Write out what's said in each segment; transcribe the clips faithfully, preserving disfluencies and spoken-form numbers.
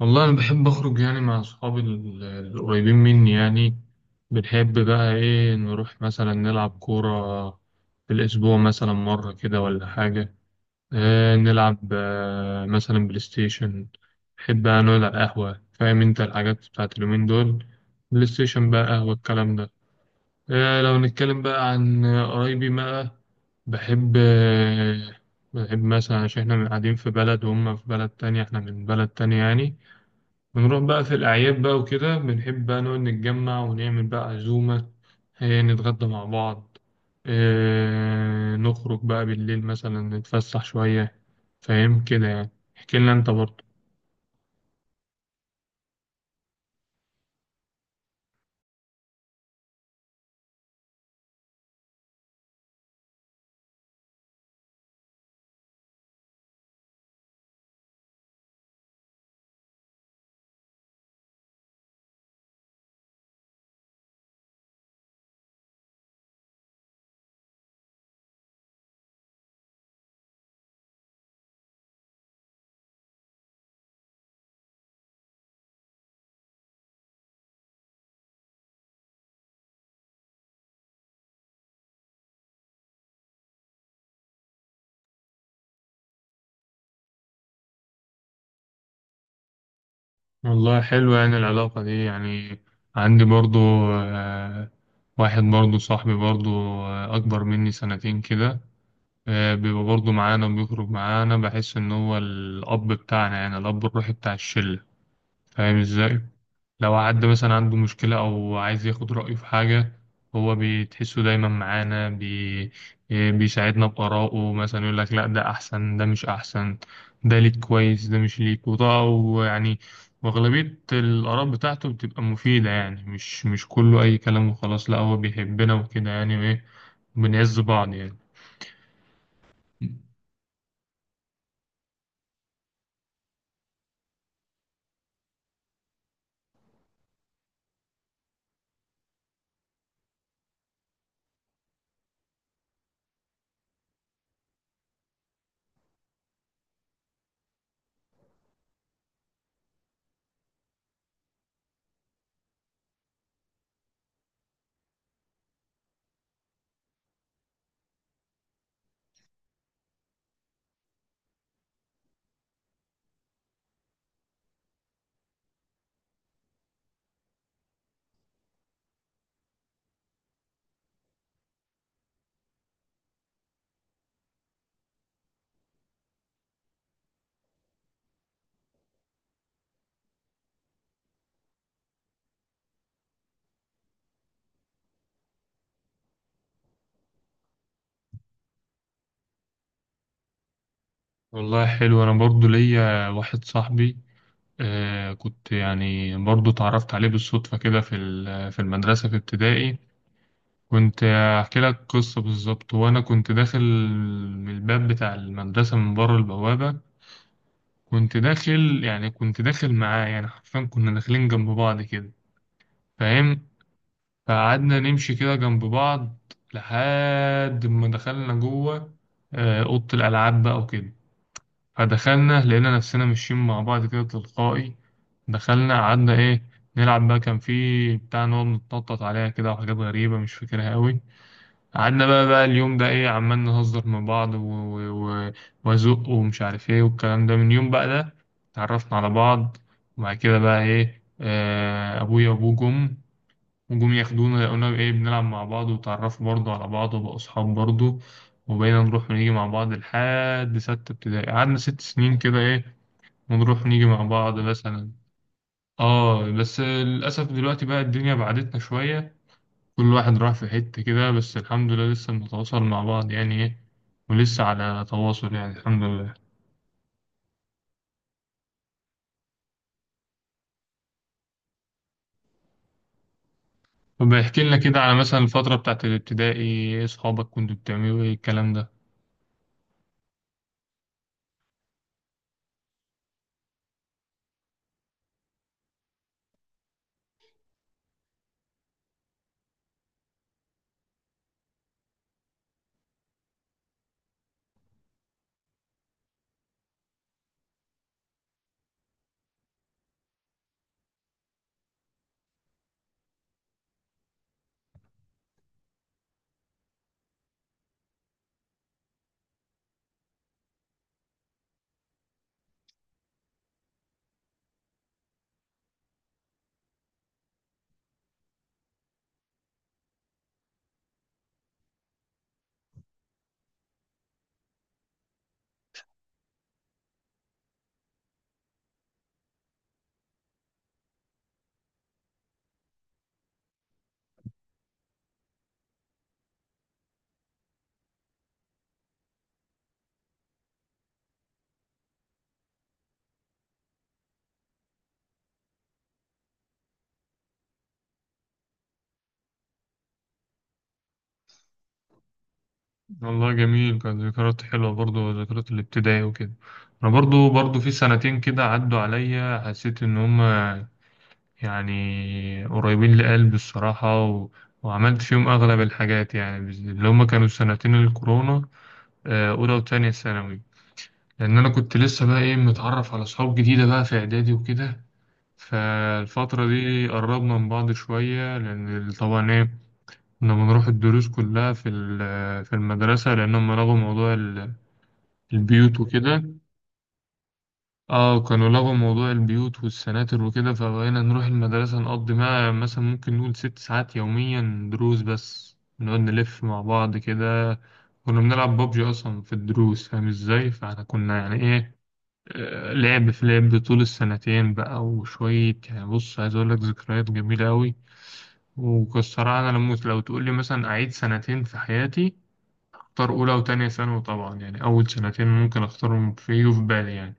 والله أنا بحب أخرج يعني مع أصحابي ال- القريبين مني يعني. بنحب بقى إيه نروح مثلا نلعب كورة في الأسبوع مثلا مرة كده ولا حاجة. آه نلعب آه مثلا بلاي ستيشن. بحب بقى نقعد على القهوة، فاهم أنت الحاجات بتاعت اليومين دول، بلاي ستيشن بقى، قهوة، الكلام ده. آه لو نتكلم بقى عن قرايبي بقى، بحب آه بحب مثلا، عشان إحنا قاعدين في بلد وهم في بلد تانية، إحنا من بلد تانية يعني. بنروح بقى في الأعياد بقى وكده، بنحب بقى نقعد نتجمع ونعمل بقى عزومة، إيه، نتغدى مع بعض، إيه، نخرج بقى بالليل مثلا نتفسح شوية. فاهم كده يعني. احكي لنا أنت برضه. والله حلو يعني العلاقة دي يعني. عندي برضه آه، واحد برضه صاحبي برضه، آه، أكبر مني سنتين كده. آه، بيبقى برضه معانا وبيخرج معانا، بحس إن هو الأب بتاعنا، يعني الأب الروحي بتاع الشلة. فاهم إزاي؟ لو حد مثلا عنده مشكلة أو عايز ياخد رأيه في حاجة، هو بتحسه دايما معانا بي... بيساعدنا بآرائه، مثلا يقول لك لا ده أحسن، ده مش أحسن، ده ليك كويس، ده مش ليك، وده ويعني وأغلبية الآراء بتاعته بتبقى مفيدة يعني، مش مش كله أي كلام وخلاص، لا هو بيحبنا وكده يعني، وإيه بنعز بعض يعني. والله حلو. أنا برضو ليا واحد صاحبي، آه كنت يعني برضو اتعرفت عليه بالصدفة كده في ال- في المدرسة في ابتدائي. كنت أحكي لك قصة بالظبط. وأنا كنت داخل من الباب بتاع المدرسة، من بره البوابة، كنت داخل يعني كنت داخل معاه يعني، حرفيا كنا داخلين جنب بعض كده، فاهم. فقعدنا نمشي كده جنب بعض لحد ما دخلنا جوه، آه، أوضة الألعاب بقى وكده. فدخلنا لقينا نفسنا ماشيين مع بعض كده تلقائي. دخلنا قعدنا ايه، نلعب بقى. كان في بتاع نقعد نتنطط عليها كده وحاجات غريبة مش فاكرها قوي. قعدنا بقى بقى اليوم ده ايه، عمال نهزر مع بعض و- و- و- وازق ومش عارف ايه والكلام ده. من يوم بقى ده اتعرفنا على بعض. وبعد كده بقى ايه، آه، ابويا وابوه جم، وجم ياخدونا، قلنا ايه بنلعب مع بعض، وتعرفوا برضه على بعض وبقوا أصحاب برضه. وبقينا نروح ونيجي مع بعض لحد ستة ابتدائي، قعدنا ست سنين كده ايه، ونروح ونيجي مع بعض مثلا. اه بس للأسف دلوقتي بقى الدنيا بعدتنا شوية، كل واحد راح في حتة كده، بس الحمد لله لسه بنتواصل مع بعض يعني ايه، ولسه على تواصل يعني، الحمد لله. طب احكي لنا كده على مثلا الفترة بتاعت الابتدائي ايه، صحابك كنتوا بتعملوا ايه، الكلام ده. والله جميل، كانت ذكريات حلوة برضو، ذكريات الابتدائي وكده. أنا برضو برضو في سنتين كده عدوا عليا، حسيت إن هما يعني قريبين لقلبي، الصراحة، و... وعملت فيهم أغلب الحاجات يعني، بز- اللي هما كانوا سنتين الكورونا، آه، أولى وتانية ثانوي. لأن أنا كنت لسه بقى إيه متعرف على صحاب جديدة بقى في إعدادي وكده، فالفترة دي قربنا من بعض شوية، لأن طبعا إيه كنا بنروح الدروس كلها في ال- في المدرسة، لأنهم لغوا موضوع البيوت وكده. اه كانوا لغوا موضوع البيوت والسناتر وكده، فبقينا نروح المدرسة نقضي معاها مثلا، ممكن نقول ست ساعات يوميا دروس، بس نقعد نلف مع بعض كده. كنا بنلعب بابجي أصلا في الدروس، فاهم ازاي، فاحنا كنا يعني ايه، آه، لعب في لعب طول السنتين بقى وشوية يعني. بص، عايز أقول لك ذكريات جميلة أوي والصراحة. أنا لما لو تقول لي مثلا أعيد سنتين في حياتي، أختار أولى وتانية ثانوي طبعا، يعني أول سنتين ممكن أختارهم في في بالي يعني.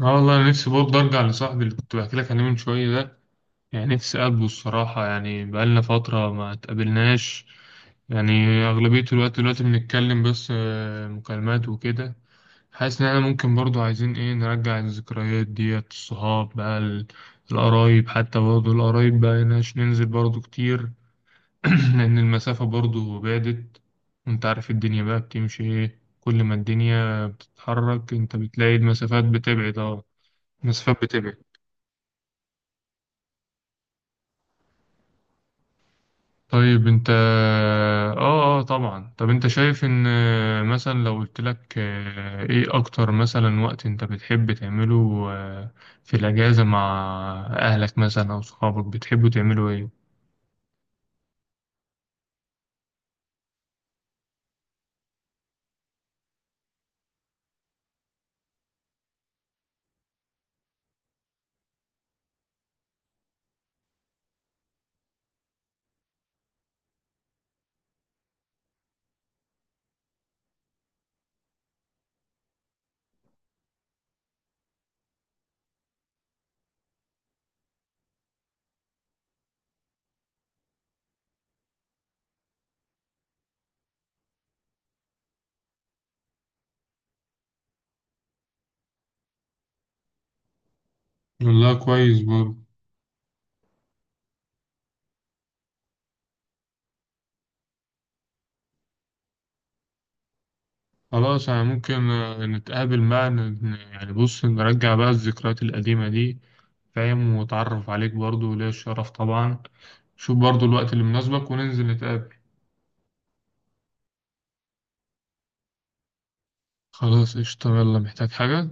اه والله انا نفسي برضه ارجع لصاحبي اللي كنت بحكي لك عليه من شويه ده، يعني نفسي اقابله الصراحه يعني، بقالنا فتره ما اتقابلناش يعني. اغلبيه الوقت دلوقتي بنتكلم بس، آه، مكالمات وكده. حاسس ان احنا ممكن برضه عايزين ايه نرجع الذكريات ديت، الصحاب بقى ال- القرايب، حتى برضه القرايب بقى ناش ننزل برضه كتير. لان المسافه برضه بعدت. وانت عارف الدنيا بقى بتمشي ايه، كل ما الدنيا بتتحرك انت بتلاقي المسافات بتبعد. اه مسافات بتبعد. طيب انت، اه اه طبعا، طب انت شايف ان آه، مثلا لو قلت لك آه، ايه اكتر مثلا وقت انت بتحب تعمله، آه، في الاجازة مع اهلك مثلا او صحابك، بتحبوا تعملوا ايه؟ والله كويس برضه. خلاص يعني، ممكن آه، نتقابل بقى، ن- ن- يعني بص نرجع بقى الذكريات القديمة دي، فاهم، واتعرف عليك برضه وليا الشرف طبعا. شوف برضه الوقت اللي مناسبك وننزل نتقابل. خلاص قشطة، يلا، محتاج حاجة؟